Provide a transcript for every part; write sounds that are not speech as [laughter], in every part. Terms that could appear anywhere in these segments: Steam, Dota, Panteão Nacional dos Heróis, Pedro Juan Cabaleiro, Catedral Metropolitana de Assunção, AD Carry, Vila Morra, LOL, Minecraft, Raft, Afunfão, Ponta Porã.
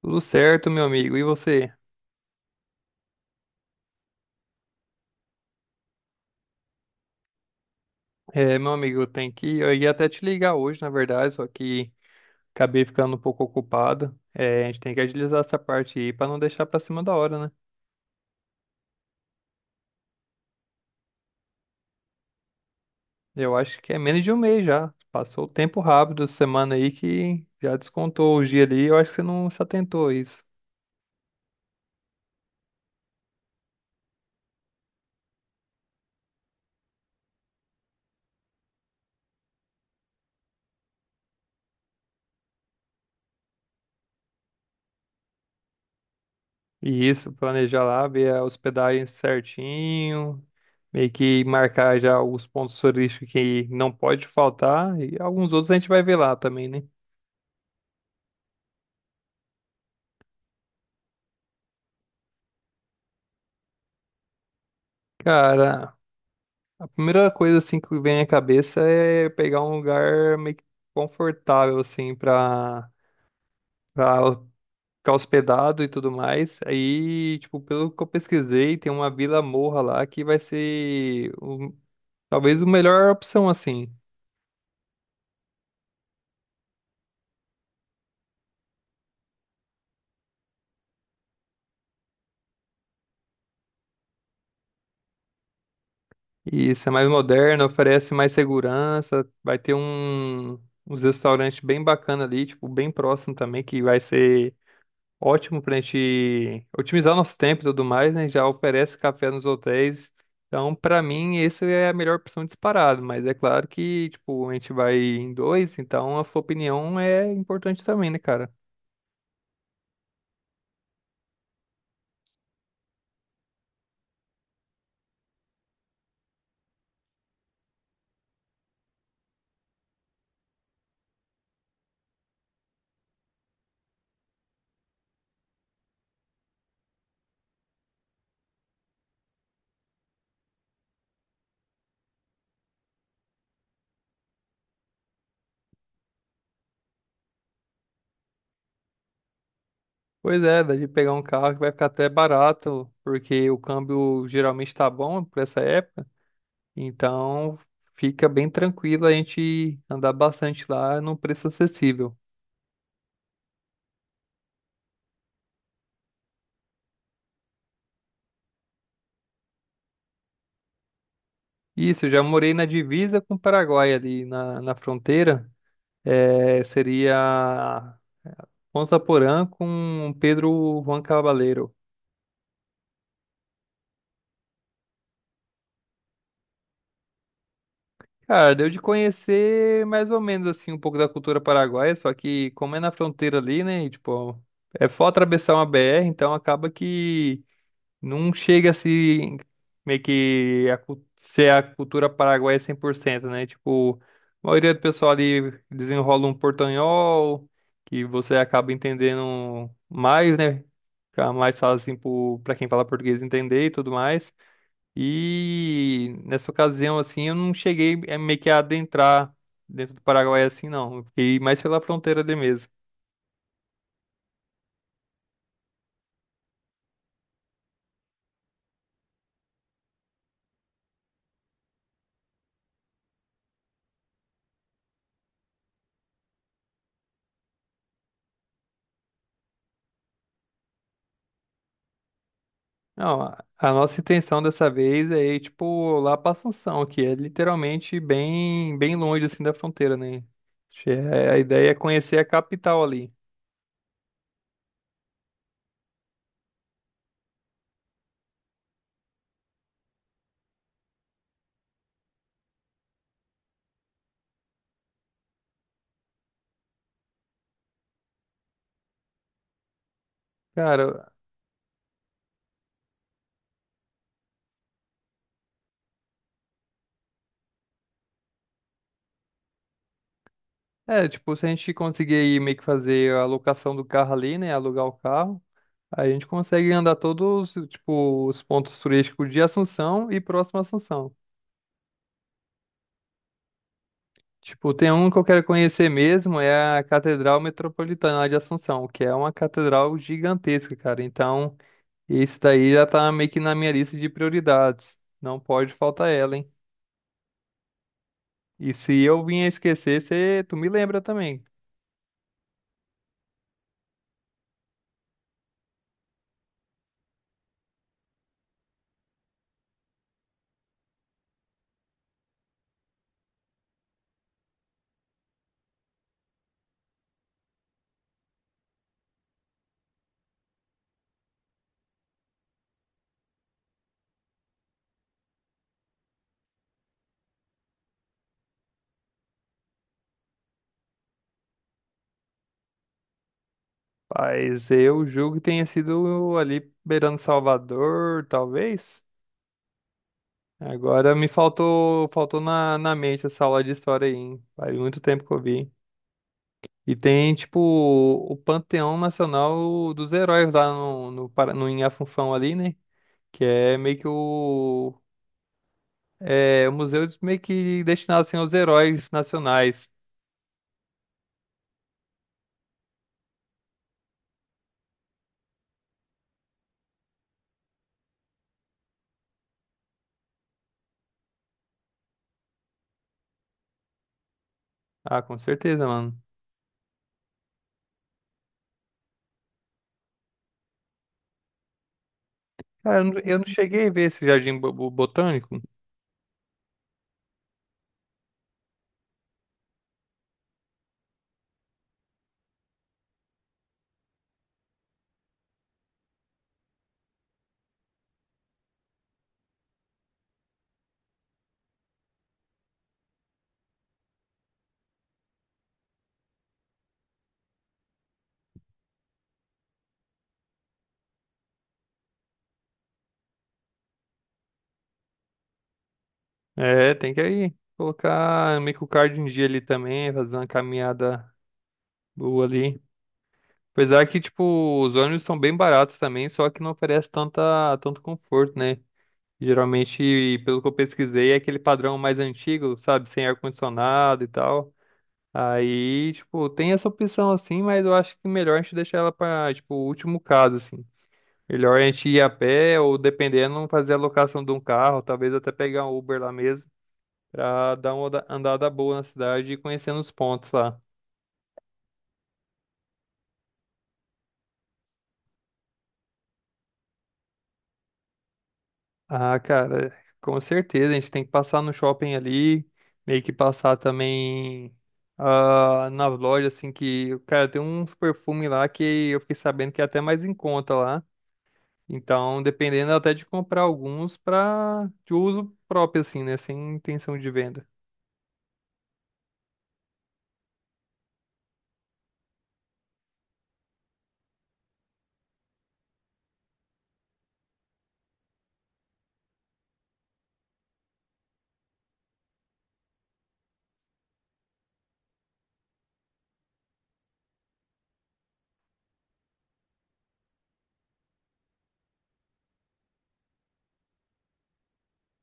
Tudo certo, meu amigo. E você? É, meu amigo, eu tenho que. Eu ia até te ligar hoje, na verdade, só que acabei ficando um pouco ocupado. É, a gente tem que agilizar essa parte aí pra não deixar pra cima da hora, né? Eu acho que é menos de um mês já. Passou o tempo rápido essa semana aí que já descontou o dia ali. Eu acho que você não se atentou a isso. E isso, planejar lá, ver a hospedagem certinho, meio que marcar já os pontos turísticos que não pode faltar. E alguns outros a gente vai ver lá também, né? Cara. A primeira coisa assim que vem à cabeça é pegar um lugar meio que confortável assim para ficar hospedado e tudo mais. Aí, tipo, pelo que eu pesquisei, tem uma Vila Morra lá que vai ser talvez a melhor opção assim. E isso é mais moderno, oferece mais segurança, vai ter uns restaurantes bem bacana ali, tipo, bem próximo também que vai ser ótimo pra gente otimizar nosso tempo e tudo mais, né? Já oferece café nos hotéis. Então, pra mim, essa é a melhor opção disparado, mas é claro que, tipo, a gente vai em dois, então a sua opinião é importante também, né, cara? Pois é, dá de pegar um carro que vai ficar até barato, porque o câmbio geralmente tá bom por essa época, então fica bem tranquilo a gente andar bastante lá num preço acessível. Isso, eu já morei na divisa com o Paraguai ali na fronteira. É, seria Ponta Porã com Pedro Juan Cabaleiro. Cara, deu de conhecer mais ou menos assim um pouco da cultura paraguaia, só que como é na fronteira ali, né? E, tipo, é só atravessar uma BR, então acaba que não chega assim, meio que ser a cultura paraguaia 100%, né? Tipo, a maioria do pessoal ali desenrola um portanhol, que você acaba entendendo mais, né? Fica mais fácil, assim, pra quem fala português entender e tudo mais. E nessa ocasião, assim, eu não cheguei meio que a adentrar dentro do Paraguai assim, não. Eu fiquei mais pela fronteira ali mesmo. Não, a nossa intenção dessa vez é ir, tipo, lá pra Assunção, que é literalmente bem, bem longe, assim, da fronteira, né? Acho que a ideia é conhecer a capital ali. Cara, é, tipo, se a gente conseguir aí meio que fazer a locação do carro ali, né? Alugar o carro, aí a gente consegue andar todos, tipo, os pontos turísticos de Assunção e próximo a Assunção. Tipo, tem um que eu quero conhecer mesmo, é a Catedral Metropolitana de Assunção, que é uma catedral gigantesca, cara. Então. Esse daí já tá meio que na minha lista de prioridades. Não pode faltar ela, hein? E se eu vinha esquecer, cê, tu me lembra também. Mas eu julgo que tenha sido ali beirando Salvador, talvez. Agora me faltou na mente essa aula de história aí, hein? Faz muito tempo que eu vi. E tem, tipo, o Panteão Nacional dos Heróis lá no, no, Para- no, em Afunfão ali, né? Que é meio que o É, o museu meio que destinado assim, aos heróis nacionais. Ah, com certeza, mano. Cara, eu não cheguei a ver esse jardim botânico. É, tem que aí colocar meio que o card em dia ali também, fazer uma caminhada boa ali. Apesar que, tipo, os ônibus são bem baratos também, só que não oferece tanto conforto, né? Geralmente, pelo que eu pesquisei, é aquele padrão mais antigo, sabe? Sem ar-condicionado e tal. Aí, tipo, tem essa opção assim, mas eu acho que melhor a gente deixar ela pra, tipo, o último caso, assim. Melhor a gente ir a pé ou, dependendo, fazer a locação de um carro, talvez até pegar um Uber lá mesmo, pra dar uma andada boa na cidade e conhecendo os pontos lá. Ah, cara, com certeza, a gente tem que passar no shopping ali, meio que passar também nas lojas, assim, que, cara, tem uns perfumes lá que eu fiquei sabendo que é até mais em conta lá. Então, dependendo até de comprar alguns para de uso próprio, assim, né? Sem intenção de venda.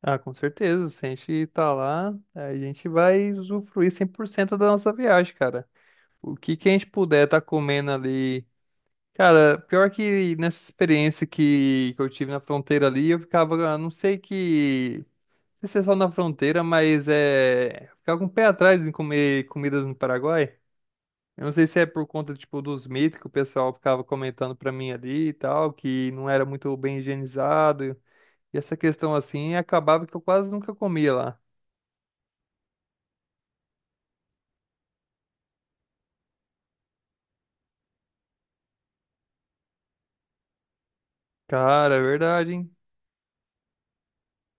Ah, com certeza. Se a gente tá lá, a gente vai usufruir 100% da nossa viagem, cara. O que que a gente puder tá comendo ali. Cara, pior que nessa experiência que eu tive na fronteira ali, eu ficava, ah, não sei que. Não sei se é só na fronteira, mas é. Ficava com o pé atrás em comer comidas no Paraguai. Eu não sei se é por conta, tipo, dos mitos que o pessoal ficava comentando pra mim ali e tal, que não era muito bem higienizado. E essa questão assim, acabava que eu quase nunca comia lá. Cara, é verdade, hein?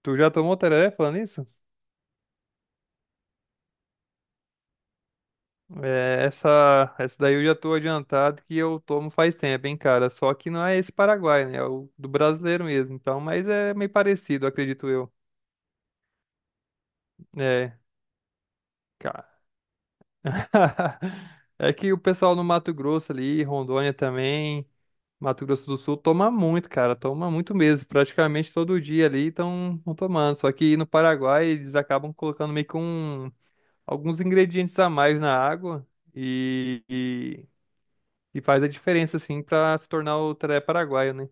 Tu já tomou tereré falando isso? É, essa daí eu já tô adiantado que eu tomo faz tempo, hein, cara? Só que não é esse Paraguai, né? É o do brasileiro mesmo. Então, mas é meio parecido, acredito eu. É. Cara. [laughs] É que o pessoal no Mato Grosso ali, Rondônia também, Mato Grosso do Sul, toma muito, cara, toma muito mesmo. Praticamente todo dia ali estão tomando. Só que no Paraguai eles acabam colocando meio que alguns ingredientes a mais na água e, e, e faz a diferença, assim, pra se tornar o teré paraguaio, né?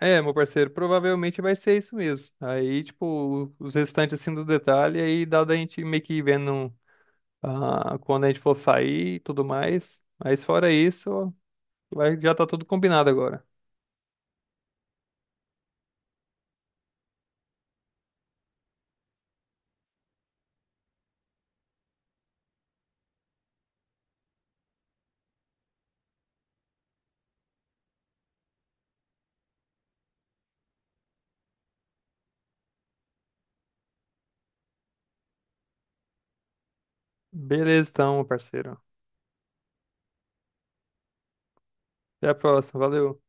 É, meu parceiro, provavelmente vai ser isso mesmo. Aí, tipo, os restantes, assim, do detalhe, aí dá da gente meio que ir vendo. Quando a gente for sair e tudo mais. Mas fora isso, vai, já tá tudo combinado agora. Beleza, então, meu parceiro. Até a próxima. Valeu.